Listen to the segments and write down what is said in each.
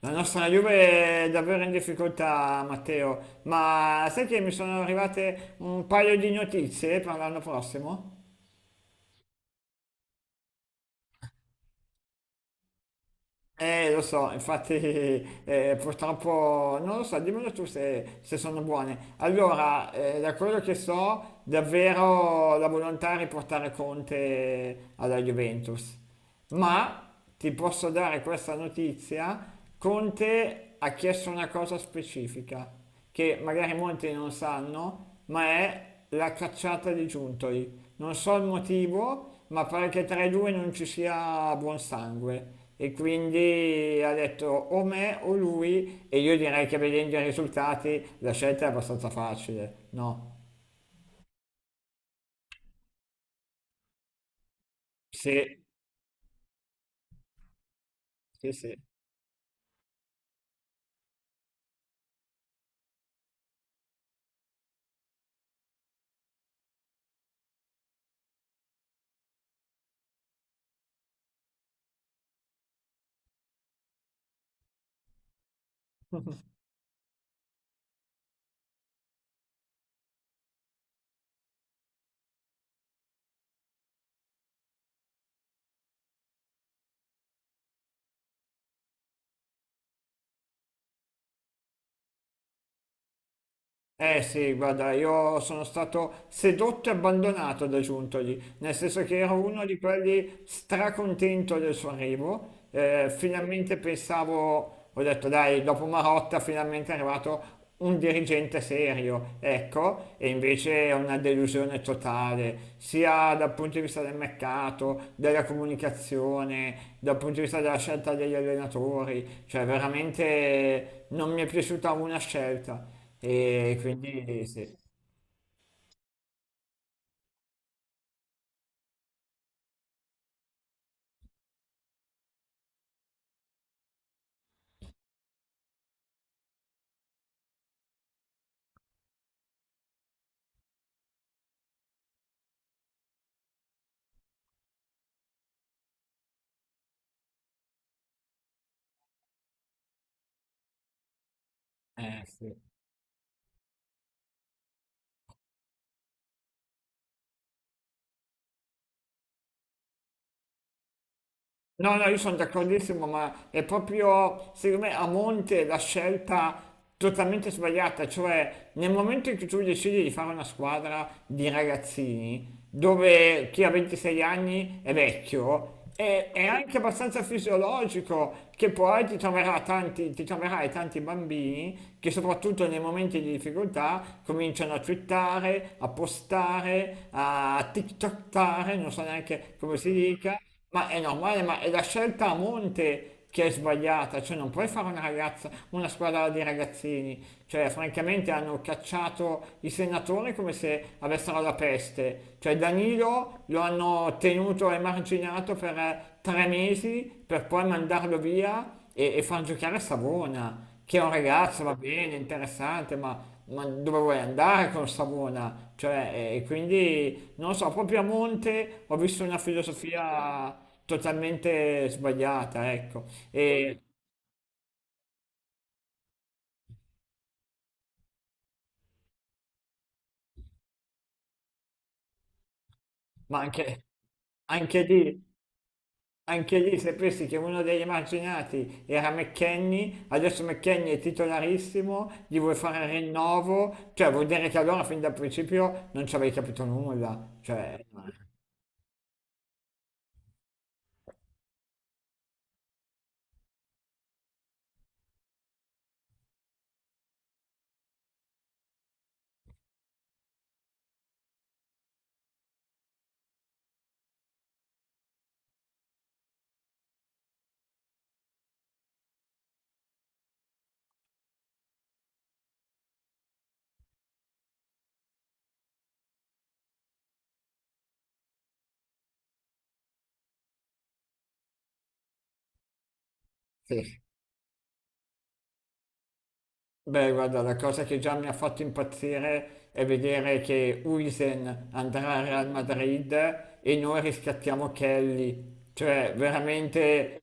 La nostra Juve è davvero in difficoltà, Matteo, ma sai che mi sono arrivate un paio di notizie per l'anno prossimo? Lo so, infatti purtroppo non lo so, dimmelo tu se sono buone. Allora, da quello che so, davvero la volontà è riportare Conte alla Juventus. Ma ti posso dare questa notizia, Conte ha chiesto una cosa specifica che magari molti non sanno, ma è la cacciata di Giuntoli. Non so il motivo, ma pare che tra i due non ci sia buon sangue. E quindi ha detto o me o lui, e io direi che vedendo i risultati la scelta è abbastanza facile, no? Sì, sì, sì. Eh sì, guarda, io sono stato sedotto e abbandonato da Giuntoli, nel senso che ero uno di quelli stracontento del suo arrivo, finalmente pensavo, ho detto dai, dopo Marotta finalmente è arrivato un dirigente serio, ecco, e invece è una delusione totale, sia dal punto di vista del mercato, della comunicazione, dal punto di vista della scelta degli allenatori, cioè veramente non mi è piaciuta una scelta. E quindi sì, sì. No, no, io sono d'accordissimo, ma è proprio, secondo me, a monte la scelta totalmente sbagliata, cioè nel momento in cui tu decidi di fare una squadra di ragazzini, dove chi ha 26 anni è vecchio, è anche abbastanza fisiologico che poi ti troverai tanti bambini che soprattutto nei momenti di difficoltà cominciano a twittare, a postare, a tiktoktare, non so neanche come si dica, ma è normale, ma è la scelta a monte che è sbagliata, cioè non puoi fare una squadra di ragazzini, cioè francamente hanno cacciato i senatori come se avessero la peste, cioè Danilo lo hanno tenuto emarginato per 3 mesi per poi mandarlo via e far giocare Savona, che è un ragazzo, va bene, interessante, ma dove vuoi andare con Savona? Cioè, e quindi non lo so, proprio a monte ho visto una filosofia totalmente sbagliata, ecco. E- ma anche, anche lì, anche lì, se pensi che uno degli emarginati era McKenny adesso McKenny è titolarissimo, gli vuoi fare il rinnovo, cioè vuol dire che allora fin dal principio non ci avevi capito nulla. Cioè, sì. Beh, guarda, la cosa che già mi ha fatto impazzire è vedere che Huijsen andrà al Real Madrid e noi riscattiamo Kelly, cioè veramente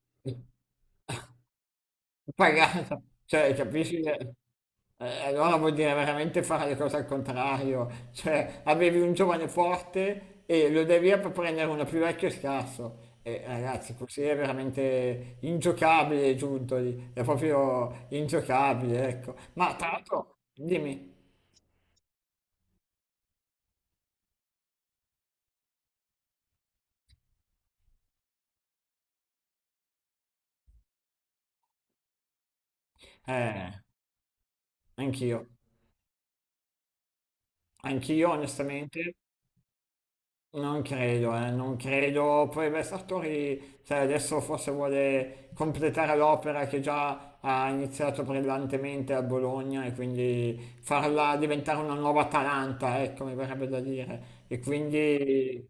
pagata, cioè capisci? Allora vuol dire veramente fare le cose al contrario, cioè avevi un giovane forte e lo dai via per prendere uno più vecchio e scarso. E ragazzi, così è veramente ingiocabile Giuntoli, è proprio ingiocabile, ecco. Ma tra l'altro, dimmi. Eh, anch'io, anch'io onestamente non credo, non credo. Poi beh, Sartori, sai, adesso forse vuole completare l'opera che già ha iniziato brillantemente a Bologna e quindi farla diventare una nuova Atalanta, ecco, mi verrebbe da dire. E quindi...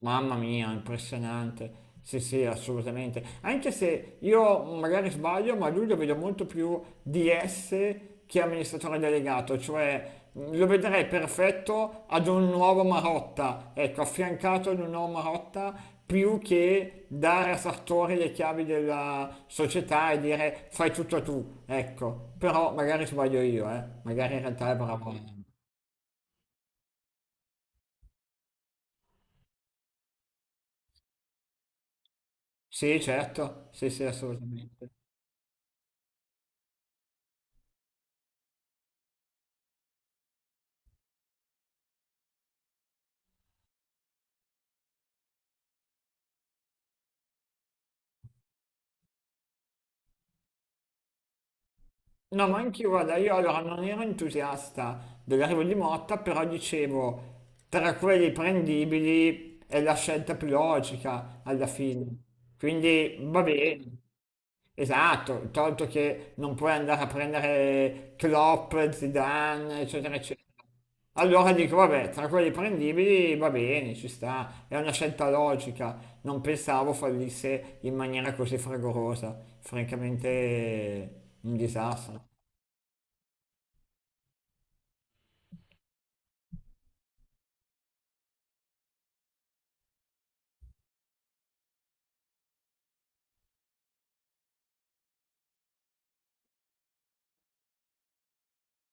Mamma mia, impressionante. Sì, sì, assolutamente. Anche se io magari sbaglio, ma lui lo vedo molto più DS che amministratore delegato, cioè lo vedrei perfetto ad un nuovo Marotta, ecco, affiancato ad un nuovo Marotta, più che dare a Sartori le chiavi della società e dire fai tutto tu, ecco. Però magari sbaglio io, eh. Magari in realtà è bravo. Sì, certo, sì, sì, assolutamente. No, ma anch'io, guarda, io allora non ero entusiasta dell'arrivo di Motta, però dicevo, tra quelli prendibili è la scelta più logica alla fine. Quindi va bene. Esatto, tolto che non puoi andare a prendere Klopp, Zidane, eccetera, eccetera. Allora dico, vabbè, tra quelli prendibili va bene, ci sta, è una scelta logica, non pensavo fallisse in maniera così fragorosa, francamente un disastro.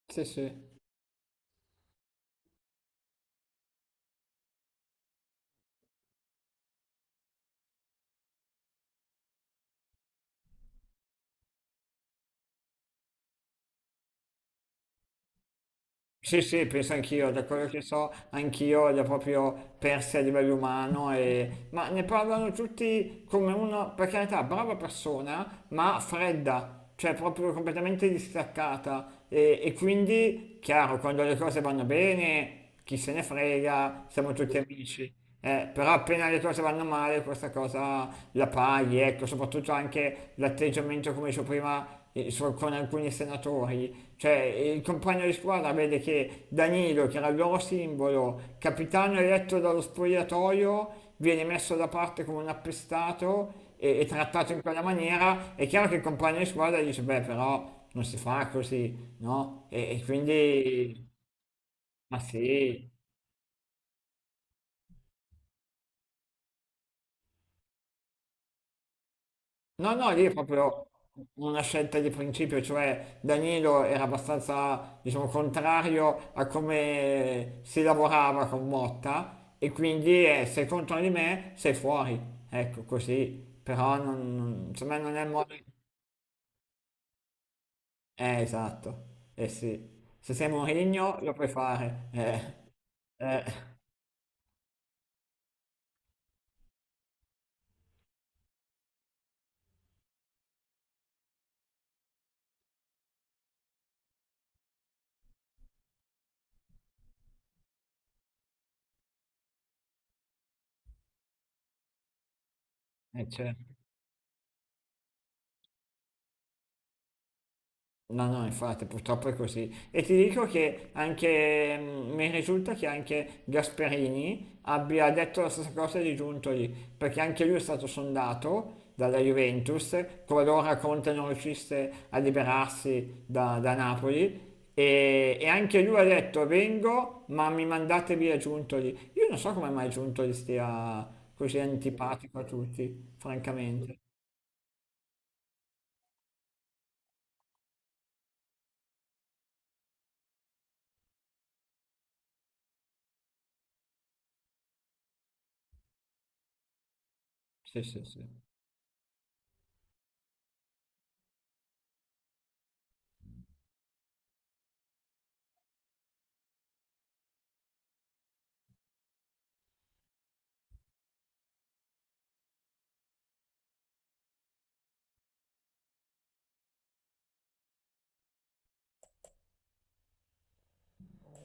Sì, sì. Sì, sì, penso anch'io, da quello che so, anch'io li ho proprio persi a livello umano, ma ne parlano tutti come uno, per carità, brava persona, ma fredda, cioè proprio completamente distaccata. E quindi, chiaro, quando le cose vanno bene, chi se ne frega, siamo tutti amici. Però appena le cose vanno male, questa cosa la paghi, ecco, soprattutto anche l'atteggiamento, come dicevo prima, con alcuni senatori. Cioè, il compagno di squadra vede che Danilo, che era il loro simbolo, capitano eletto dallo spogliatoio, viene messo da parte come un appestato e trattato in quella maniera. È chiaro che il compagno di squadra dice, beh, però non si fa così, no? E quindi, ma sì. No, no, lì è proprio una scelta di principio, cioè Danilo era abbastanza, diciamo, contrario a come si lavorava con Motta e quindi sei contro di me, sei fuori, ecco così, però secondo me non è il modo... esatto, eh sì, se sei Mourinho lo puoi fare, eh, certo. No, no, infatti, purtroppo è così. E ti dico che anche, mm, mi risulta che anche Gasperini abbia detto la stessa cosa di Giuntoli, perché anche lui è stato sondato dalla Juventus, qualora Conte non riuscisse a liberarsi da Napoli, e anche lui ha detto vengo, ma mi mandate via Giuntoli. Io non so come mai Giuntoli stia così antipatico a tutti, francamente. Sì, sì, sì.